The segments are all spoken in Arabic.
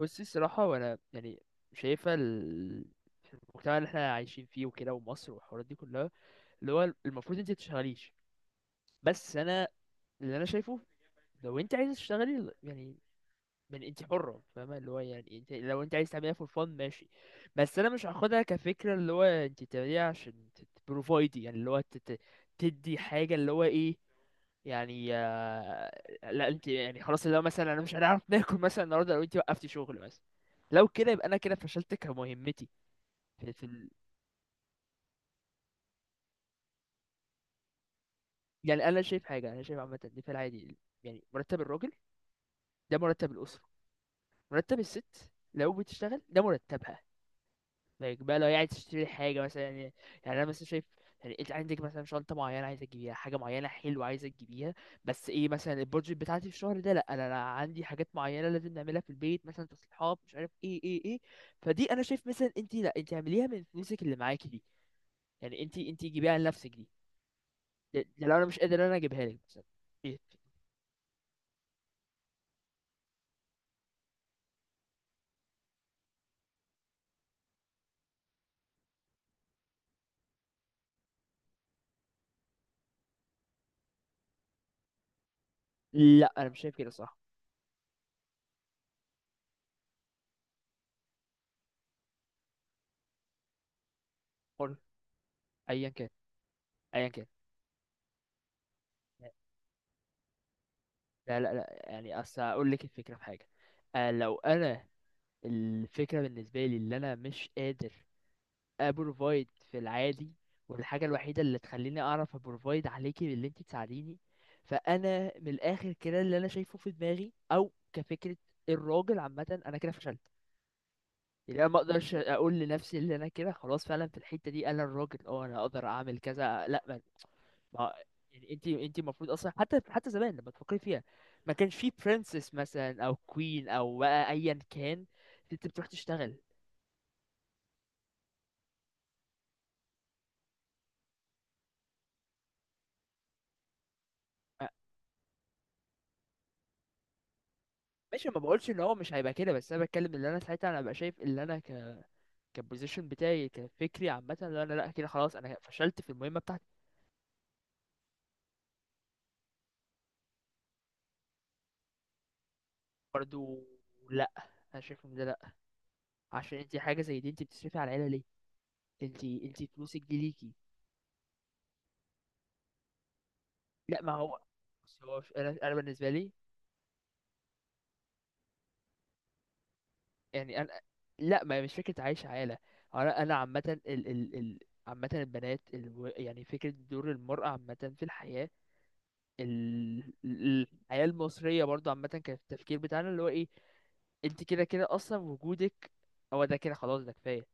بصي الصراحة وأنا يعني شايفة المجتمع اللي احنا عايشين فيه وكده ومصر والحوارات دي كلها اللي هو المفروض انت تشتغليش. بس انا اللي انا شايفه لو انت عايزة تشتغلي يعني من انت حرة فاهمة اللي هو يعني انت لو انت عايز تعمليها فور فن ماشي. بس انا مش هاخدها كفكرة اللي هو انت تعمليها عشان تبروفايدي يعني اللي هو تدي حاجة اللي هو ايه يعني آه، لا انت يعني خلاص لو مثلا انا مش هنعرف ناكل مثلا النهارده لو انت وقفتي شغل مثلا. لو كده يبقى انا كده فشلت كمهمتي. في يعني انا شايف حاجه انا شايف عامه ان في العادي يعني مرتب الراجل ده مرتب الاسره. مرتب الست لو بتشتغل ده مرتبها. لايك بقى لو هي عايز تشتري حاجه مثلا يعني. يعني انا مثلا شايف يعني انت عندك مثلا شنطه معينه عايزه تجيبيها حاجه معينه حلوه عايزه تجيبيها بس ايه مثلا البادجت بتاعتي في الشهر ده. لا أنا عندي حاجات معينه لازم نعملها في البيت مثلا تصليحات مش عارف ايه ايه ايه. فدي انا شايف مثلا انت لا انت اعمليها من فلوسك اللي معاكي دي. يعني انت جيبيها لنفسك دي. ده لو انا مش قادر انا اجيبها لك مثلا. إيه؟ لا انا مش شايف كده صح. قول ايا كان ايا كان. لا يعني اصل اقول لك الفكره في حاجه. آه، لو انا الفكرة بالنسبة لي اللي أنا مش قادر أبروفايد في العادي. والحاجة الوحيدة اللي تخليني أعرف أبروفايد عليكي باللي أنت تساعديني. فأنا من الآخر كده اللي أنا شايفه في دماغي أو كفكرة الراجل عامة أنا كده فشلت. يعني أنا ما أقدرش أقول لنفسي اللي أنا كده خلاص فعلا في الحتة دي أنا الراجل أه أنا أقدر أعمل كذا لأ ما- يعني أنت المفروض أصلا حتى زمان لما تفكري فيها ما كانش في برنسس مثلا أو كوين أو بقى أيا كان. أنت بتروح تشتغل. ماشي ما بقولش ان هو مش هيبقى كده بس انا بتكلم ان انا ساعتها انا ببقى شايف ان انا كبوزيشن بتاعي كفكري عامه ان انا لا كده خلاص انا فشلت في المهمه بتاعتي. برضو لا انا شايف ان ده لا. عشان انت حاجه زي دي انت بتصرفي على العيله ليه؟ انت فلوسك دي ليكي. لا ما هو بس هو انا بالنسبه لي يعني انا لا ما هي مش فكره عايش عيله. هو انا عامه ال عامه البنات يعني فكره دور المراه عامه في الحياه. الحياة المصرية برضو عامة كان التفكير بتاعنا اللي هو ايه. انت كده كده اصلا وجودك هو ده كده خلاص ده كفاية.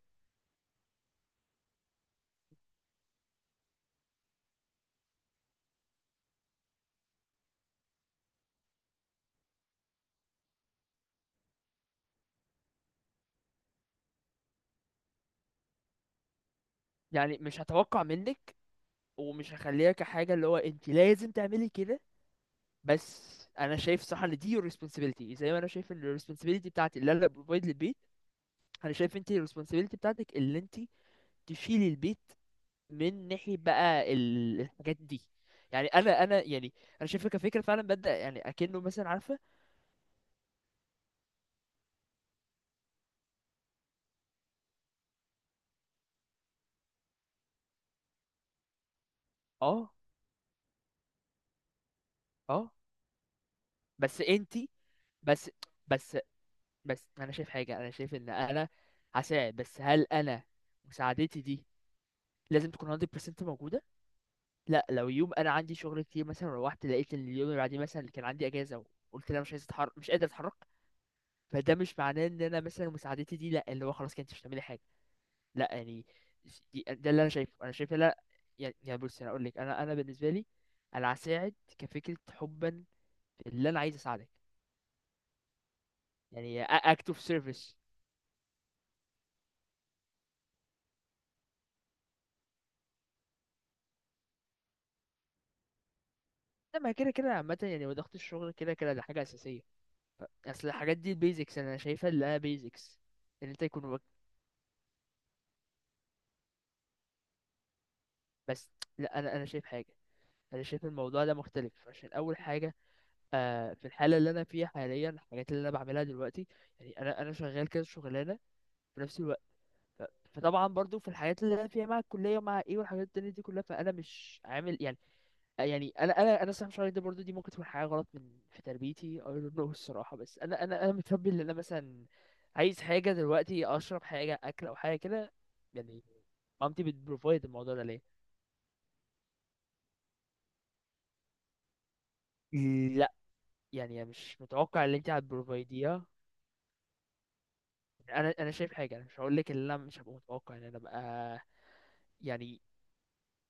يعني مش هتوقع منك ومش هخليها كحاجة اللي هو انت لازم تعملي كده. بس انا شايف صح ان دي responsibility زي ما انا شايف ان ال responsibility بتاعتي اللي انا بروفايد للبيت. انا شايف انت ال responsibility بتاعتك اللي انت تشيلي البيت من ناحية بقى الحاجات دي. يعني انا يعني انا شايفها كفكرة فعلا ببدأ يعني اكنه مثلا عارفة. اه اه. بس انتي. بس بس بس انا شايف حاجه انا شايف ان انا هساعد بس هل انا مساعدتي دي لازم تكون 100% موجوده؟ لا لو يوم انا عندي شغل كتير مثلا روحت لقيت ان اليوم اللي بعديه مثلا كان عندي اجازه وقلت انا مش عايز اتحرك مش قادر اتحرك فده مش معناه ان انا مثلا مساعدتي دي لا اللي هو خلاص كانت مش هتعملي حاجه. لا يعني ده اللي انا شايفه انا شايف لا. يعني بص انا اقول لك انا بالنسبه لي انا هساعد كفكره حبا في اللي انا عايز اساعدك. يعني act of service. لما كده كده عامة يعني وضغط الشغل كده كده ده حاجة أساسية. أصل الحاجات دي البيزكس أنا شايفها اللي هي بيزكس. إن أنت يكون بس لأ أنا شايف حاجة. أنا شايف الموضوع ده مختلف عشان أول حاجة. آه في الحالة اللي أنا فيها حاليا الحاجات اللي أنا بعملها دلوقتي يعني أنا شغال كذا شغلانة في نفس الوقت. ف... فطبعا برضو في الحاجات اللي أنا فيها مع الكلية ومع إيه والحاجات التانية دي كلها فأنا مش عامل يعني. يعني انا صراحه مش عارف ده برضه دي ممكن تكون حاجه غلط من في تربيتي I don't know الصراحه. بس انا متربي ان انا مثلا عايز حاجه دلوقتي اشرب حاجه اكل او حاجه كده يعني مامتي بتبروفايد الموضوع ده ليه. لا يعني أنا مش متوقع اللي انت هتبروفايديها. انا شايف حاجه انا مش هقول لك ان انا مش هبقى متوقع ان انا ابقى يعني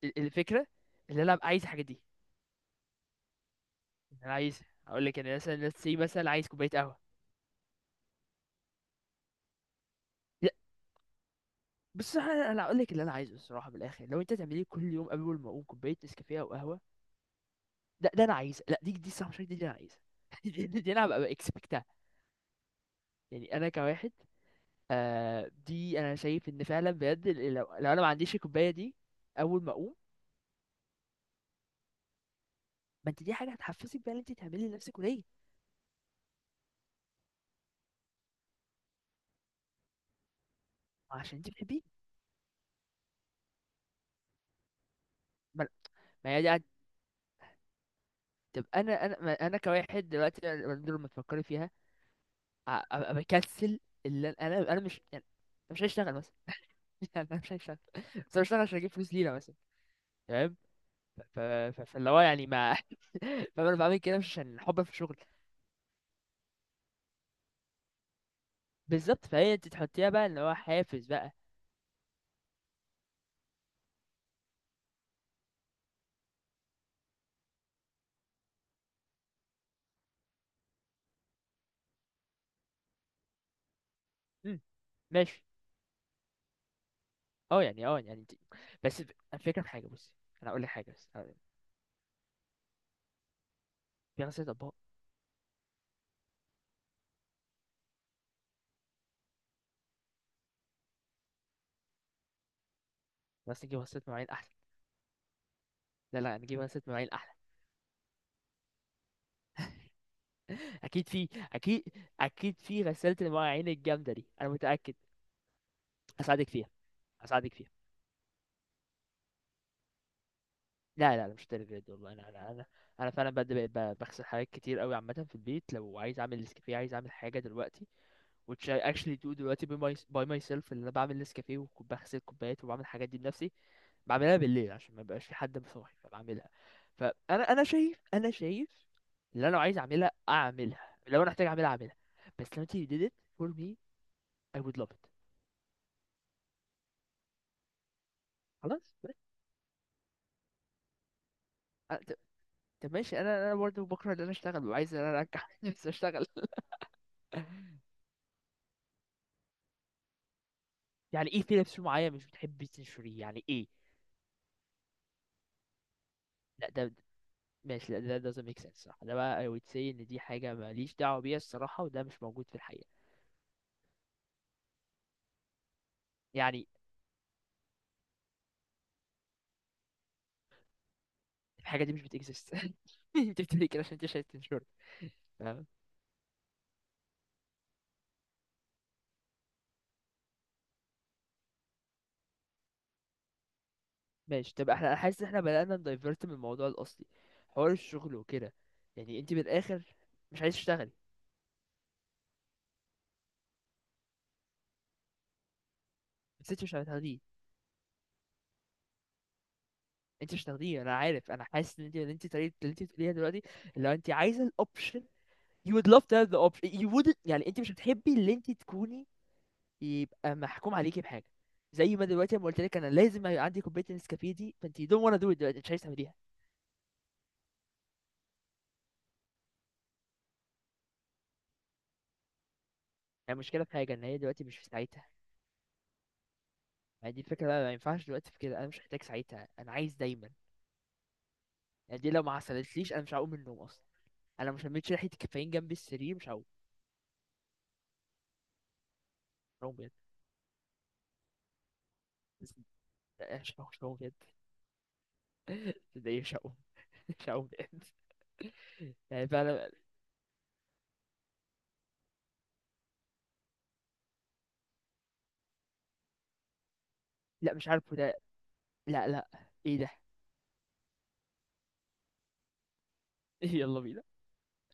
الفكره ان انا ابقى عايز الحاجه دي إن انا عايز هقول لك ان مثلا let's say مثلا عايز كوبايه قهوه. بس انا هقول لك اللي انا عايزه الصراحه بالاخر لو انت تعملي كل يوم قبل ما اقوم كوبايه نسكافيه او قهوه. ده انا عايزه. لا دي الصراحه مش عارف دي انا عايزه دي انا هبقى اكسبكتها. يعني انا كواحد آه دي انا شايف ان فعلا بجد لو، لو انا ما عنديش الكوبايه دي اول ما اقوم. ما انت دي حاجه هتحفزك بقى ان انت تعملي لنفسك وليه؟ عشان انت بتحبيه. ما ما هي دي طب انا ما انا كواحد دلوقتي لما تفكري فيها ابقى بكنسل اللي انا أنا مش يعني أنا مش هشتغل مثلا لا مش هشتغل. بس أنا بشتغل عشان اجيب فلوس لينا مثلا تمام. فاللي هو يعني ما فانا بعمل كده مش عشان حب في الشغل. بالظبط فهي انت تحطيها بقى اللي هو حافز بقى. مم. ماشي. اه يعني اه يعني انت بس الفكره في حاجه بصي انا اقول لك حاجه بس في غسالة اطباق. بس نجيب غسالة مواعين احلى. لا نجيب غسالة مواعين احلى. اكيد في، اكيد اكيد في غسالة المواعين الجامدة دي انا متأكد. هساعدك فيها، هساعدك فيها. لا، مش للدرجة دي والله انا انا فعلا بجد بقيت بغسل حاجات كتير قوي عامه في البيت لو عايز اعمل نسكافيه عايز اعمل حاجه دلوقتي which I actually do دلوقتي by my by myself اللي انا بعمل نسكافيه وبغسل كوبايات وبعمل الحاجات دي بنفسي. بعملها بالليل عشان ما يبقاش في حد مصاحي فبعملها. فانا انا شايف، انا شايف اللي انا لو عايز اعملها اعملها لو انا محتاج اعملها اعملها. بس لو انت you did it for me I would love it. خلاص بس. طب طب ماشي انا برضه بكره ان انا اشتغل وعايز ان انا ارجع نفسي اشتغل. يعني ايه في لبس معين مش بتحبي تنشريه يعني ايه؟ لا ده ماشي لا ده doesn't make sense صح ده بقى I would say ان دي حاجة ماليش دعوة بيها الصراحة وده مش موجود في الحقيقة. يعني الحاجة دي مش بتكزيست. انت بتقولي كده عشان انت مش عايز تنشرها. تمام. ماشي طب احنا أنا حاسس ان احنا بدأنا ندايفرت من الموضوع الأصلي، حوار الشغل وكده. يعني انت من الآخر مش عايز تشتغلي. بس انت مش هتاخديه، انت مش هتاخديه انا عارف انا حاسس ان انت ان انت طريقة اللي انت بتقوليها دلوقتي لو انت عايزة الاوبشن you would love to have the option you wouldn't يعني انت مش بتحبي اللي انت تكوني يبقى محكوم عليكي بحاجه. زي ما دلوقتي لما قلت لك انا لازم يبقى عندي كوبايه نسكافيه دي فانت you don't wanna do it دلوقتي مش عايز تعمليها. يعني المشكله في حاجه ان هي دلوقتي مش في ساعتها. يعني دي الفكره بقى ما ينفعش دلوقتي في كده انا مش محتاج ساعتها انا عايز دايما. يعني دي لو ما حصلتليش انا مش هقوم من النوم اصلا. انا مش لميتش ريحه الكافيين جنب السرير مش هقوم. مش هقوم بجد. بس- لا، مش هقوم مش هقوم بجد. ده إيه؟ مش هقوم. مش هقوم بجد يعني فعلا. لا مش عارف ده. لا ايه ده؟ يلا بينا.